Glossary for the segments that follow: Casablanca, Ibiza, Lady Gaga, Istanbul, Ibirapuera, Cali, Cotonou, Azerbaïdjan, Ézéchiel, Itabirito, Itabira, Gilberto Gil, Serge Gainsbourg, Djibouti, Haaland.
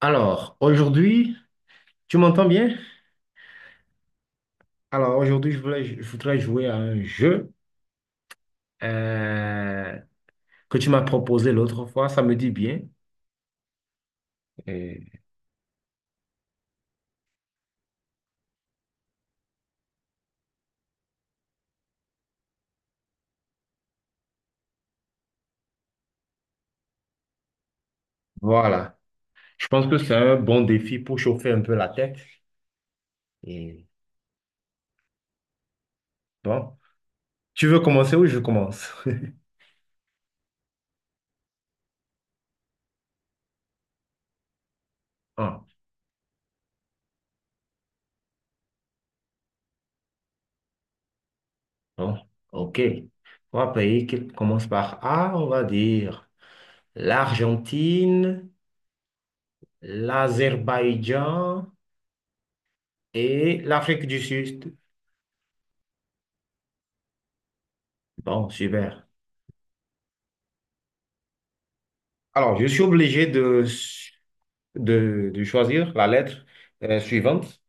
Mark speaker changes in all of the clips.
Speaker 1: Alors, aujourd'hui, tu m'entends bien? Alors, aujourd'hui, je voudrais jouer à un jeu euh, que tu m'as proposé l'autre fois. Ça me dit bien. Et voilà. Je pense que c'est un bon défi pour chauffer un peu la tête. Et bon, tu veux commencer ou je commence? Ah, bon, ok. Trois pays qui commencent par A, on va dire l'Argentine, l'Azerbaïdjan et l'Afrique du Sud. Bon, super. Alors, je suis obligé de, de choisir la lettre suivante.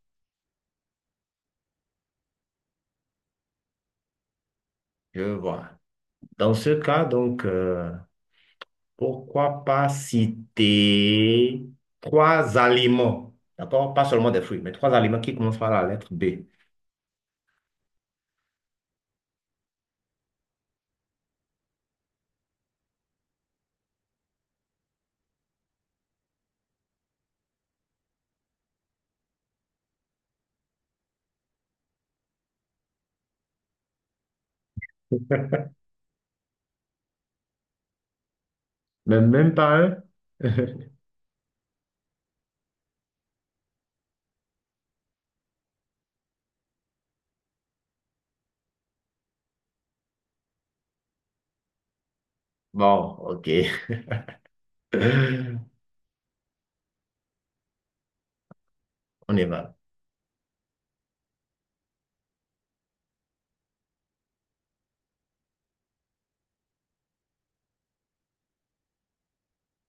Speaker 1: Je vois. Dans ce cas, donc, pourquoi pas citer trois aliments, d'accord? Pas seulement des fruits, mais trois aliments qui commencent par la lettre B. Mais même pas un. Bon, ok. On y va.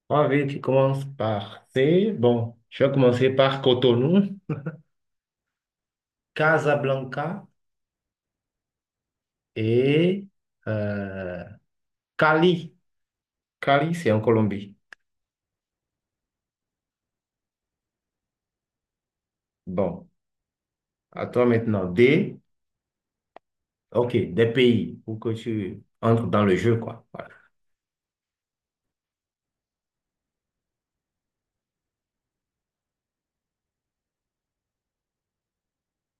Speaker 1: Trois villes qui commencent par C. Bon, je vais commencer par Cotonou, Casablanca et euh, Cali. Cali, c'est en Colombie. Bon, à toi maintenant. Ok, des pays pour que tu entres dans le jeu, quoi. Voilà.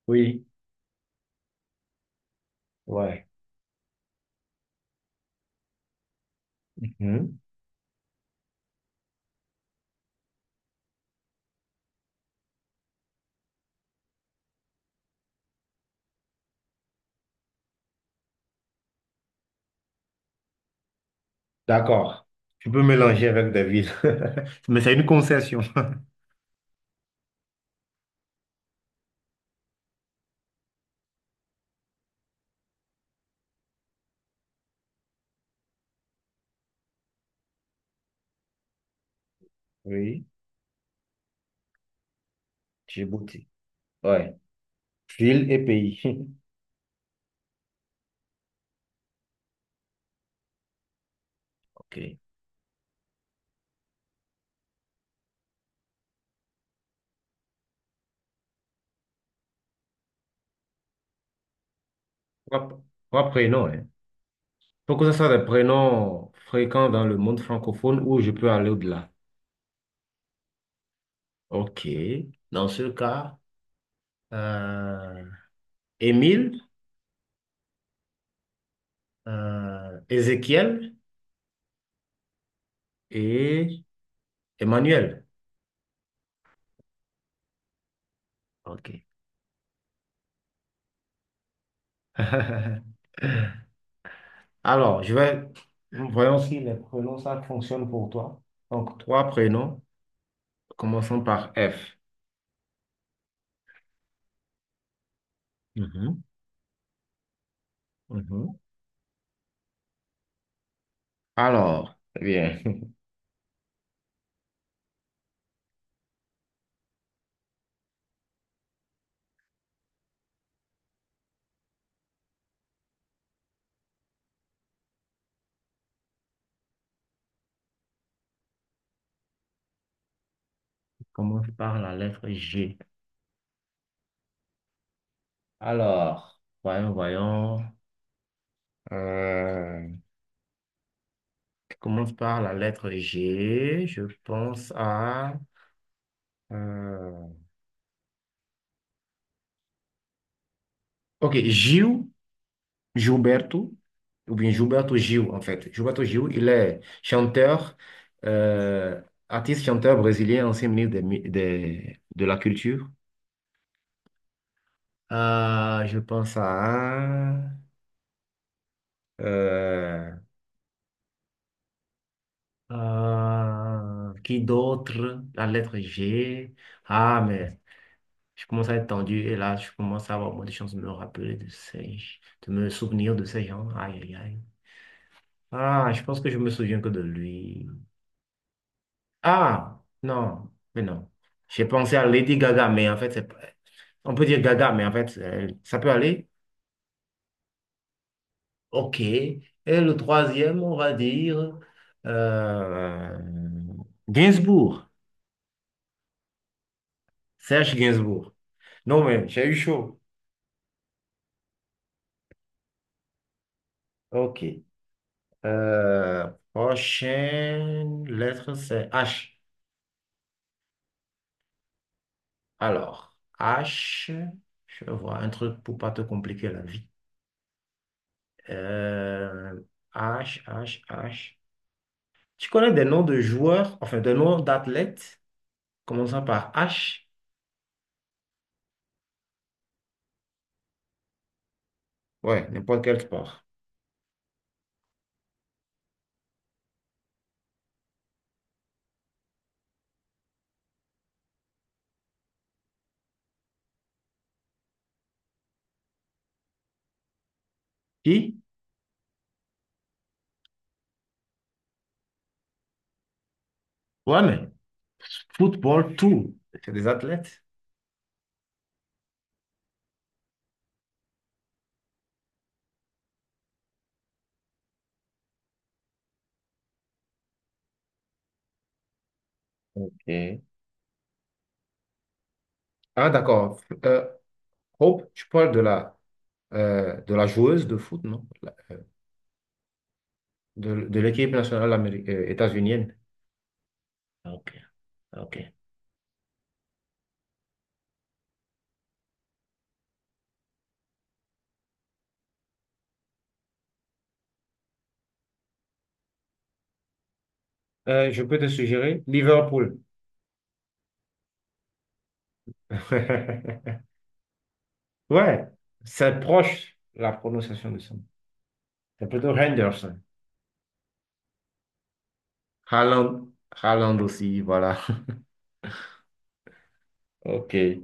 Speaker 1: Oui, ouais. Mhm. D'accord. Tu peux mélanger avec des villes. Mais c'est une concession. Oui, Djibouti. Ouais. Ville et pays. Ok. Trois, trois prénoms, hein. Faut que ce soit des prénoms fréquents dans le monde francophone où je peux aller au-delà. Ok. Dans ce cas, euh, Émile, Ézéchiel et Emmanuel. OK. Alors, voyons si les prénoms, ça fonctionne pour toi. Donc, trois prénoms, commençons par F. Mhm, mhm. Alors, eh bien, commence par la lettre G. Alors, voyons. Euh, commence par la lettre G. Je pense à... euh, ok, Gilles. Gilberto, ou bien Gilberto Gil, en fait. Gilberto Gil, il est chanteur, euh, artiste chanteur brésilien, ancien ministre de la Culture. Ah, je pense à... euh, qui d'autre? La lettre G. Ah, mais je commence à être tendu et là, je commence à avoir moins de chances de me rappeler de ces... de me souvenir de ces gens. Aïe, aïe, aïe. Ah, je pense que je me souviens que de lui. Ah, non, mais non. J'ai pensé à Lady Gaga, mais en fait, c'est pas- on peut dire Gaga, mais en fait, ça peut aller. OK. Et le troisième, on va dire euh, Gainsbourg, Serge Gainsbourg. Non, mais j'ai eu chaud. OK. Euh, prochaine lettre, c'est H. Alors, H, je vois un truc pour pas te compliquer la vie. Euh, H. Tu connais des noms de joueurs, enfin des noms d'athlètes, commençant par H, ouais, n'importe quel sport. I, ouais, mais football, tout, c'est des athlètes. Ok. Ah, d'accord. Euh, Hope, tu parles de la joueuse de foot, non? La- de l'équipe nationale états-unienne. Ok, ok. Je peux te suggérer Liverpool. Ouais, c'est proche la prononciation de son. Nom. C'est plutôt Henderson. Haaland, Haaland aussi, voilà. Ok. Je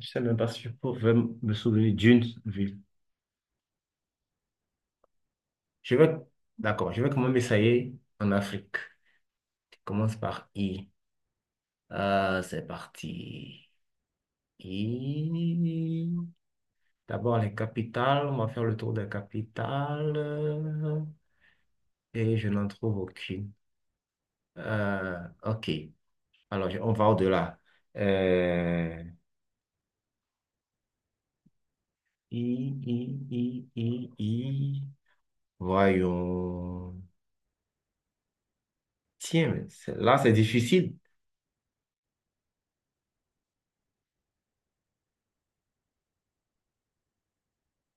Speaker 1: sais même pas si je pourrais me souvenir d'une ville. Je vais, d'accord, je vais quand même essayer en Afrique. Je commence par I. C'est parti. I. D'abord les capitales. On va faire le tour des capitales. Et je n'en trouve aucune. Euh, ok. Alors, on va au-delà. Euh, I, I, I. Voyons. Tiens, mais c'est- là, c'est difficile.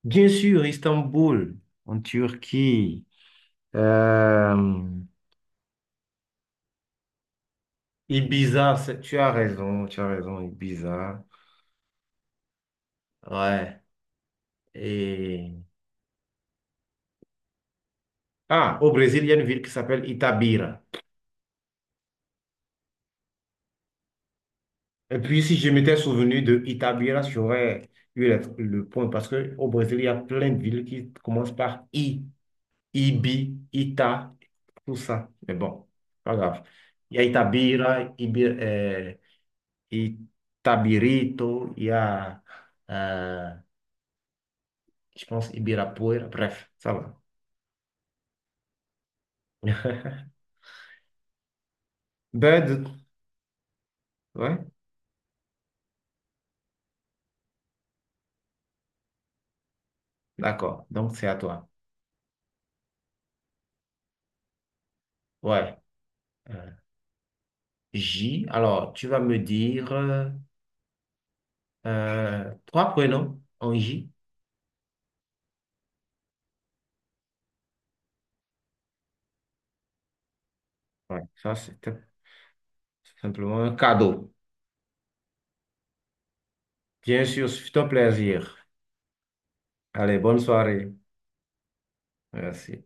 Speaker 1: Bien sûr, Istanbul, en Turquie. Euh, Ibiza, c'est- tu as raison, Ibiza. Ouais. Et... Ah, au Brésil, il y a une ville qui s'appelle Itabira. Et puis, si je m'étais souvenu de Itabira, j'aurais eu le point parce que au Brésil, il y a plein de villes qui commencent par I, Ibi, Ita, tout ça. Mais bon, pas grave. Il y a Itabira, Ibi, Itabirito, il y a, euh, je pense, Ibirapuera, bref, ça va. Bird, ouais, d'accord, donc c'est à toi. Ouais, euh, J, alors tu vas me dire trois prénoms en J. Ouais, ça c'était simplement un cadeau. Bien sûr, c'est un plaisir. Allez, bonne soirée. Merci.